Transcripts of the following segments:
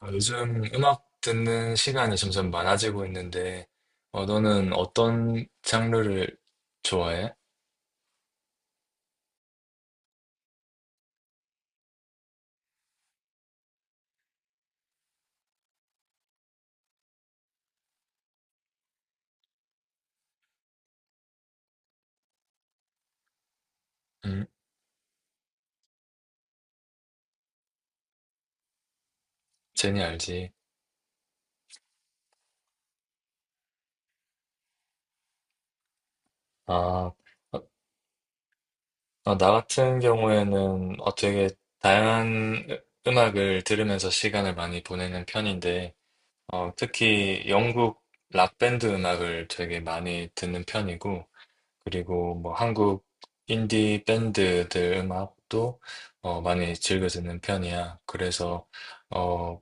요즘 음악 듣는 시간이 점점 많아지고 있는데, 너는 어떤 장르를 좋아해? 음, 제니 알지? 아, 어, 나 같은 경우에는 되게 다양한 음악을 들으면서 시간을 많이 보내는 편인데, 특히 영국 락 밴드 음악을 되게 많이 듣는 편이고, 그리고 뭐 한국 인디 밴드들 음악도 많이 즐겨 듣는 편이야. 그래서 어,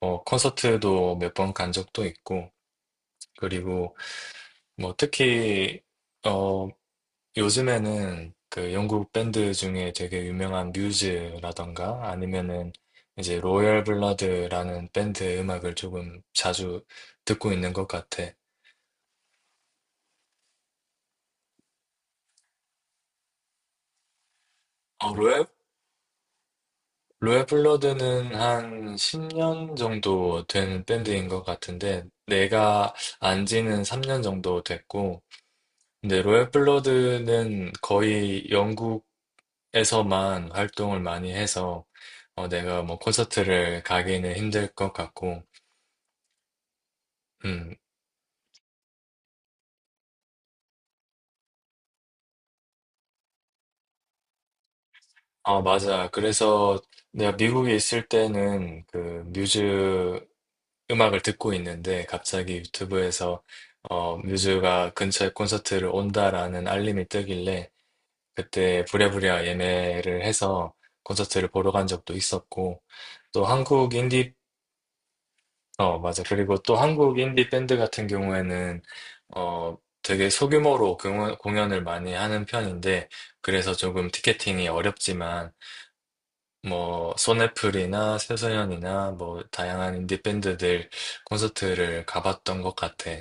콘서트도 몇 번 간 적도 있고, 그리고 뭐 특히 어, 요즘에는 그 영국 밴드 중에 되게 유명한 뮤즈라던가 아니면은 이제 로열 블러드라는 밴드 음악을 조금 자주 듣고 있는 것 같아. 어, 로얄? 로얄 블러드는 한 10년 정도 된 밴드인 것 같은데, 내가 안 지는 3년 정도 됐고, 근데 로얄 블러드는 거의 영국에서만 활동을 많이 해서, 내가 뭐 콘서트를 가기는 힘들 것 같고, 음, 아, 맞아. 그래서 내가 미국에 있을 때는 그 뮤즈 음악을 듣고 있는데 갑자기 유튜브에서 뮤즈가 근처에 콘서트를 온다라는 알림이 뜨길래 그때 부랴부랴 예매를 해서 콘서트를 보러 간 적도 있었고 또 한국 인디 어 맞아 그리고 또 한국 인디 밴드 같은 경우에는 어 되게 소규모로 공연을 많이 하는 편인데 그래서 조금 티켓팅이 어렵지만 뭐 소네플이나 새소년이나 뭐 다양한 인디 밴드들 콘서트를 가봤던 것 같아.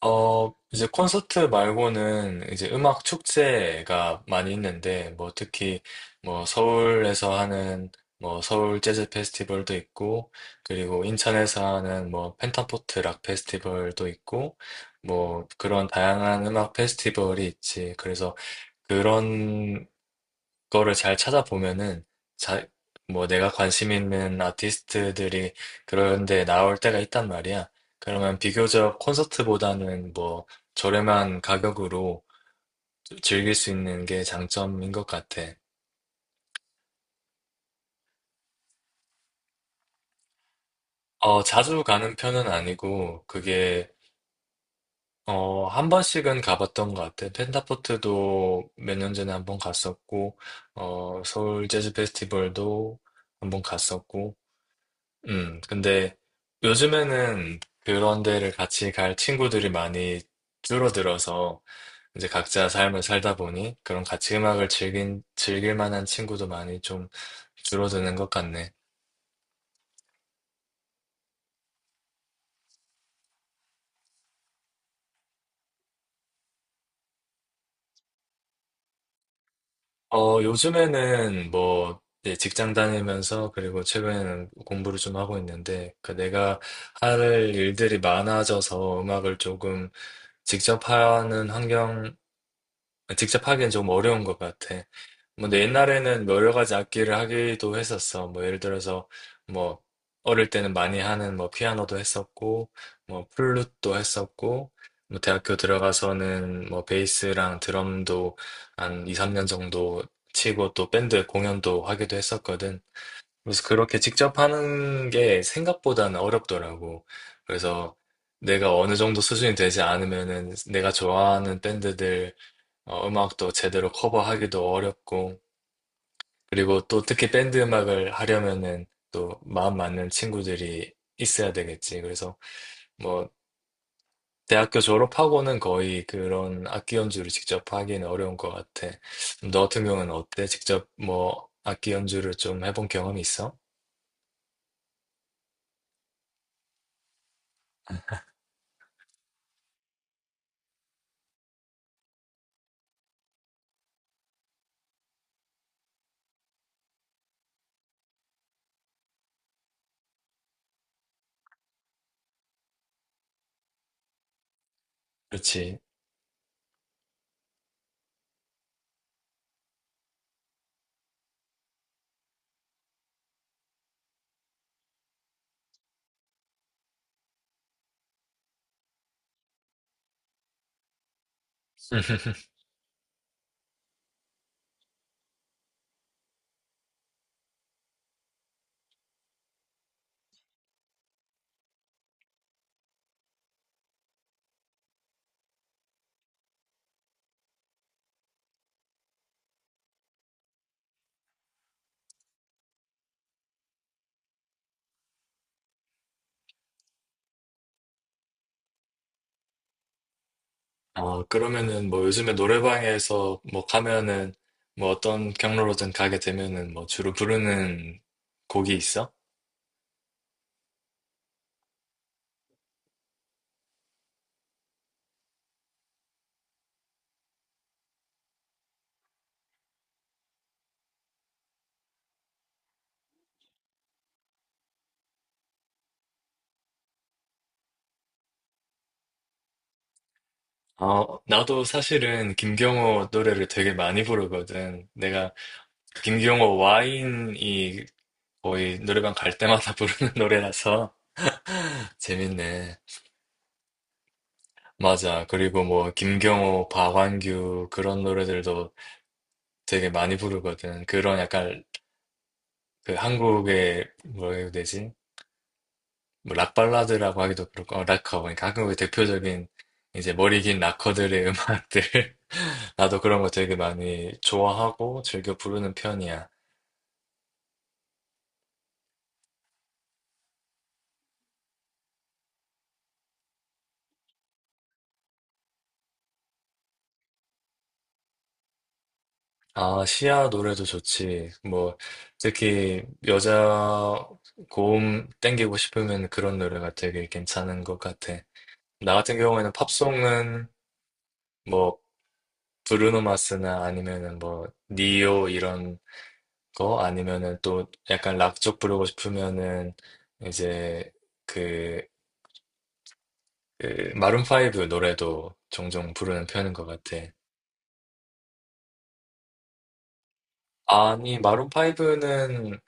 어, 이제 콘서트 말고는 이제 음악 축제가 많이 있는데 뭐 특히 뭐 서울에서 하는 뭐 서울 재즈 페스티벌도 있고 그리고 인천에서 하는 뭐 펜타포트 락 페스티벌도 있고 뭐 그런 다양한 음악 페스티벌이 있지. 그래서 그런 거를 잘 찾아보면은 자, 뭐 내가 관심 있는 아티스트들이 그런 데 나올 때가 있단 말이야. 그러면 비교적 콘서트보다는 뭐 저렴한 가격으로 즐길 수 있는 게 장점인 것 같아. 어, 자주 가는 편은 아니고 그게 어, 한 번씩은 가봤던 것 같아. 펜타포트도 몇 년 전에 한번 갔었고, 서울 재즈 페스티벌도 한번 갔었고, 근데 요즘에는 그런 데를 같이 갈 친구들이 많이 줄어들어서 이제 각자 삶을 살다 보니 그런 같이 즐길 만한 친구도 많이 좀 줄어드는 것 같네. 어, 요즘에는 뭐 이제 직장 다니면서 그리고 최근에는 공부를 좀 하고 있는데 그 내가 할 일들이 많아져서 음악을 조금 직접 하는 환경, 직접 하기엔 좀 어려운 것 같아. 뭐, 내 옛날에는 뭐 여러 가지 악기를 하기도 했었어. 뭐, 예를 들어서, 뭐, 어릴 때는 많이 하는 뭐, 피아노도 했었고, 뭐, 플룻도 했었고, 뭐, 대학교 들어가서는 뭐, 베이스랑 드럼도 한 2, 3년 정도 치고 또 밴드 공연도 하기도 했었거든. 그래서 그렇게 직접 하는 게 생각보다는 어렵더라고. 그래서 내가 어느 정도 수준이 되지 않으면은 내가 좋아하는 밴드들 음악도 제대로 커버하기도 어렵고, 그리고 또 특히 밴드 음악을 하려면은 또 마음 맞는 친구들이 있어야 되겠지. 그래서 뭐 대학교 졸업하고는 거의 그런 악기 연주를 직접 하기는 어려운 것 같아. 너 같은 경우는 어때? 직접 뭐 악기 연주를 좀 해본 경험이 있어? 그렇지. 어, 그러면은 뭐 요즘에 노래방에서 뭐 가면은 뭐 어떤 경로로든 가게 되면은 뭐 주로 부르는 곡이 있어? 어, 나도 사실은 김경호 노래를 되게 많이 부르거든. 내가 김경호 와인이 거의 노래방 갈 때마다 부르는 노래라서 재밌네. 맞아. 그리고 뭐 김경호, 박완규 그런 노래들도 되게 많이 부르거든. 그런 약간 그 한국의 뭐라 해야 되지? 뭐 락발라드라고 하기도 그렇고 어, 락커 그러니까 한국의 대표적인 이제 머리 긴 락커들의 음악들 나도 그런 거 되게 많이 좋아하고 즐겨 부르는 편이야. 아, 시아 노래도 좋지. 뭐, 특히 여자 고음 땡기고 싶으면 그런 노래가 되게 괜찮은 것 같아. 나 같은 경우에는 팝송은 뭐, 브루노 마스나 아니면은 뭐, 니오 이런 거 아니면은 또 약간 락 쪽 부르고 싶으면은 이제 그, 그 마룬 파이브 노래도 종종 부르는 편인 것 같아. 아니, 마룬 파이브는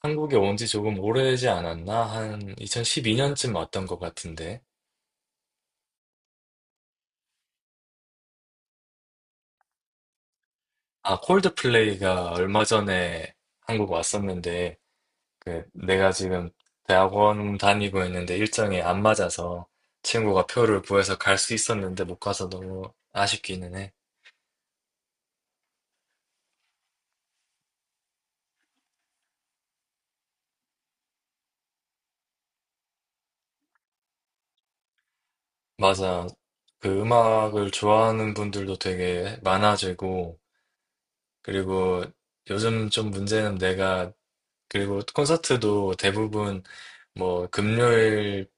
한국에 온 지 조금 오래지 않았나? 한 2012년쯤 왔던 것 같은데. 아, 콜드플레이가 얼마 전에 한국 왔었는데, 그, 내가 지금 대학원 다니고 있는데 일정이 안 맞아서 친구가 표를 구해서 갈 수 있었는데 못 가서 너무 아쉽기는 해. 맞아. 그 음악을 좋아하는 분들도 되게 많아지고, 그리고 요즘 좀 문제는 내가, 그리고 콘서트도 대부분 뭐 금요일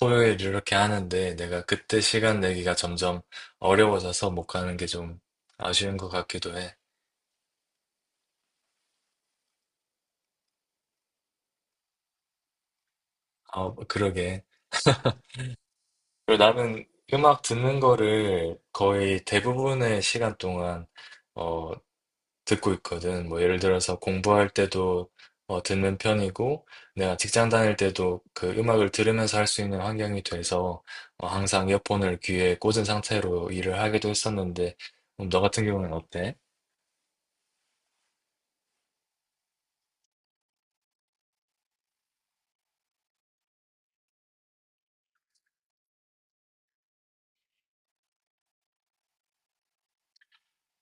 토요일 이렇게 하는데 내가 그때 시간 내기가 점점 어려워져서 못 가는 게 좀 아쉬운 것 같기도 해. 아, 그러게. 그리고 나는 음악 듣는 거를 거의 대부분의 시간 동안 어, 듣고 있거든. 뭐 예를 들어서 공부할 때도 듣는 편이고 내가 직장 다닐 때도 그 음악을 들으면서 할 수 있는 환경이 돼서 항상 이어폰을 귀에 꽂은 상태로 일을 하기도 했었는데 너 같은 경우는 어때?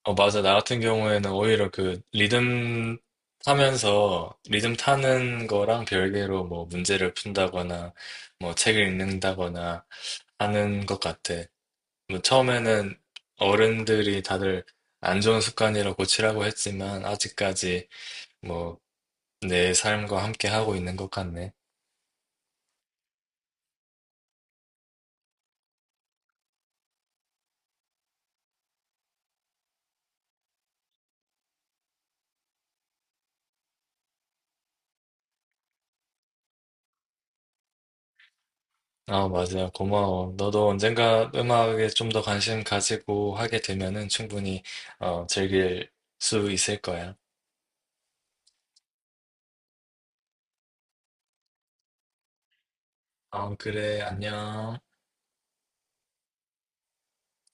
어, 맞아. 나 같은 경우에는 오히려 그 리듬 타면서 리듬 타는 거랑 별개로 뭐 문제를 푼다거나 뭐 책을 읽는다거나 하는 것 같아. 뭐 처음에는 어른들이 다들 안 좋은 습관이라 고치라고 했지만 아직까지 뭐 내 삶과 함께 하고 있는 것 같네. 아, 맞아. 고마워. 너도 언젠가 음악에 좀 더 관심 가지고 하게 되면은 충분히 즐길 수 있을 거야. 아, 그래, 안녕.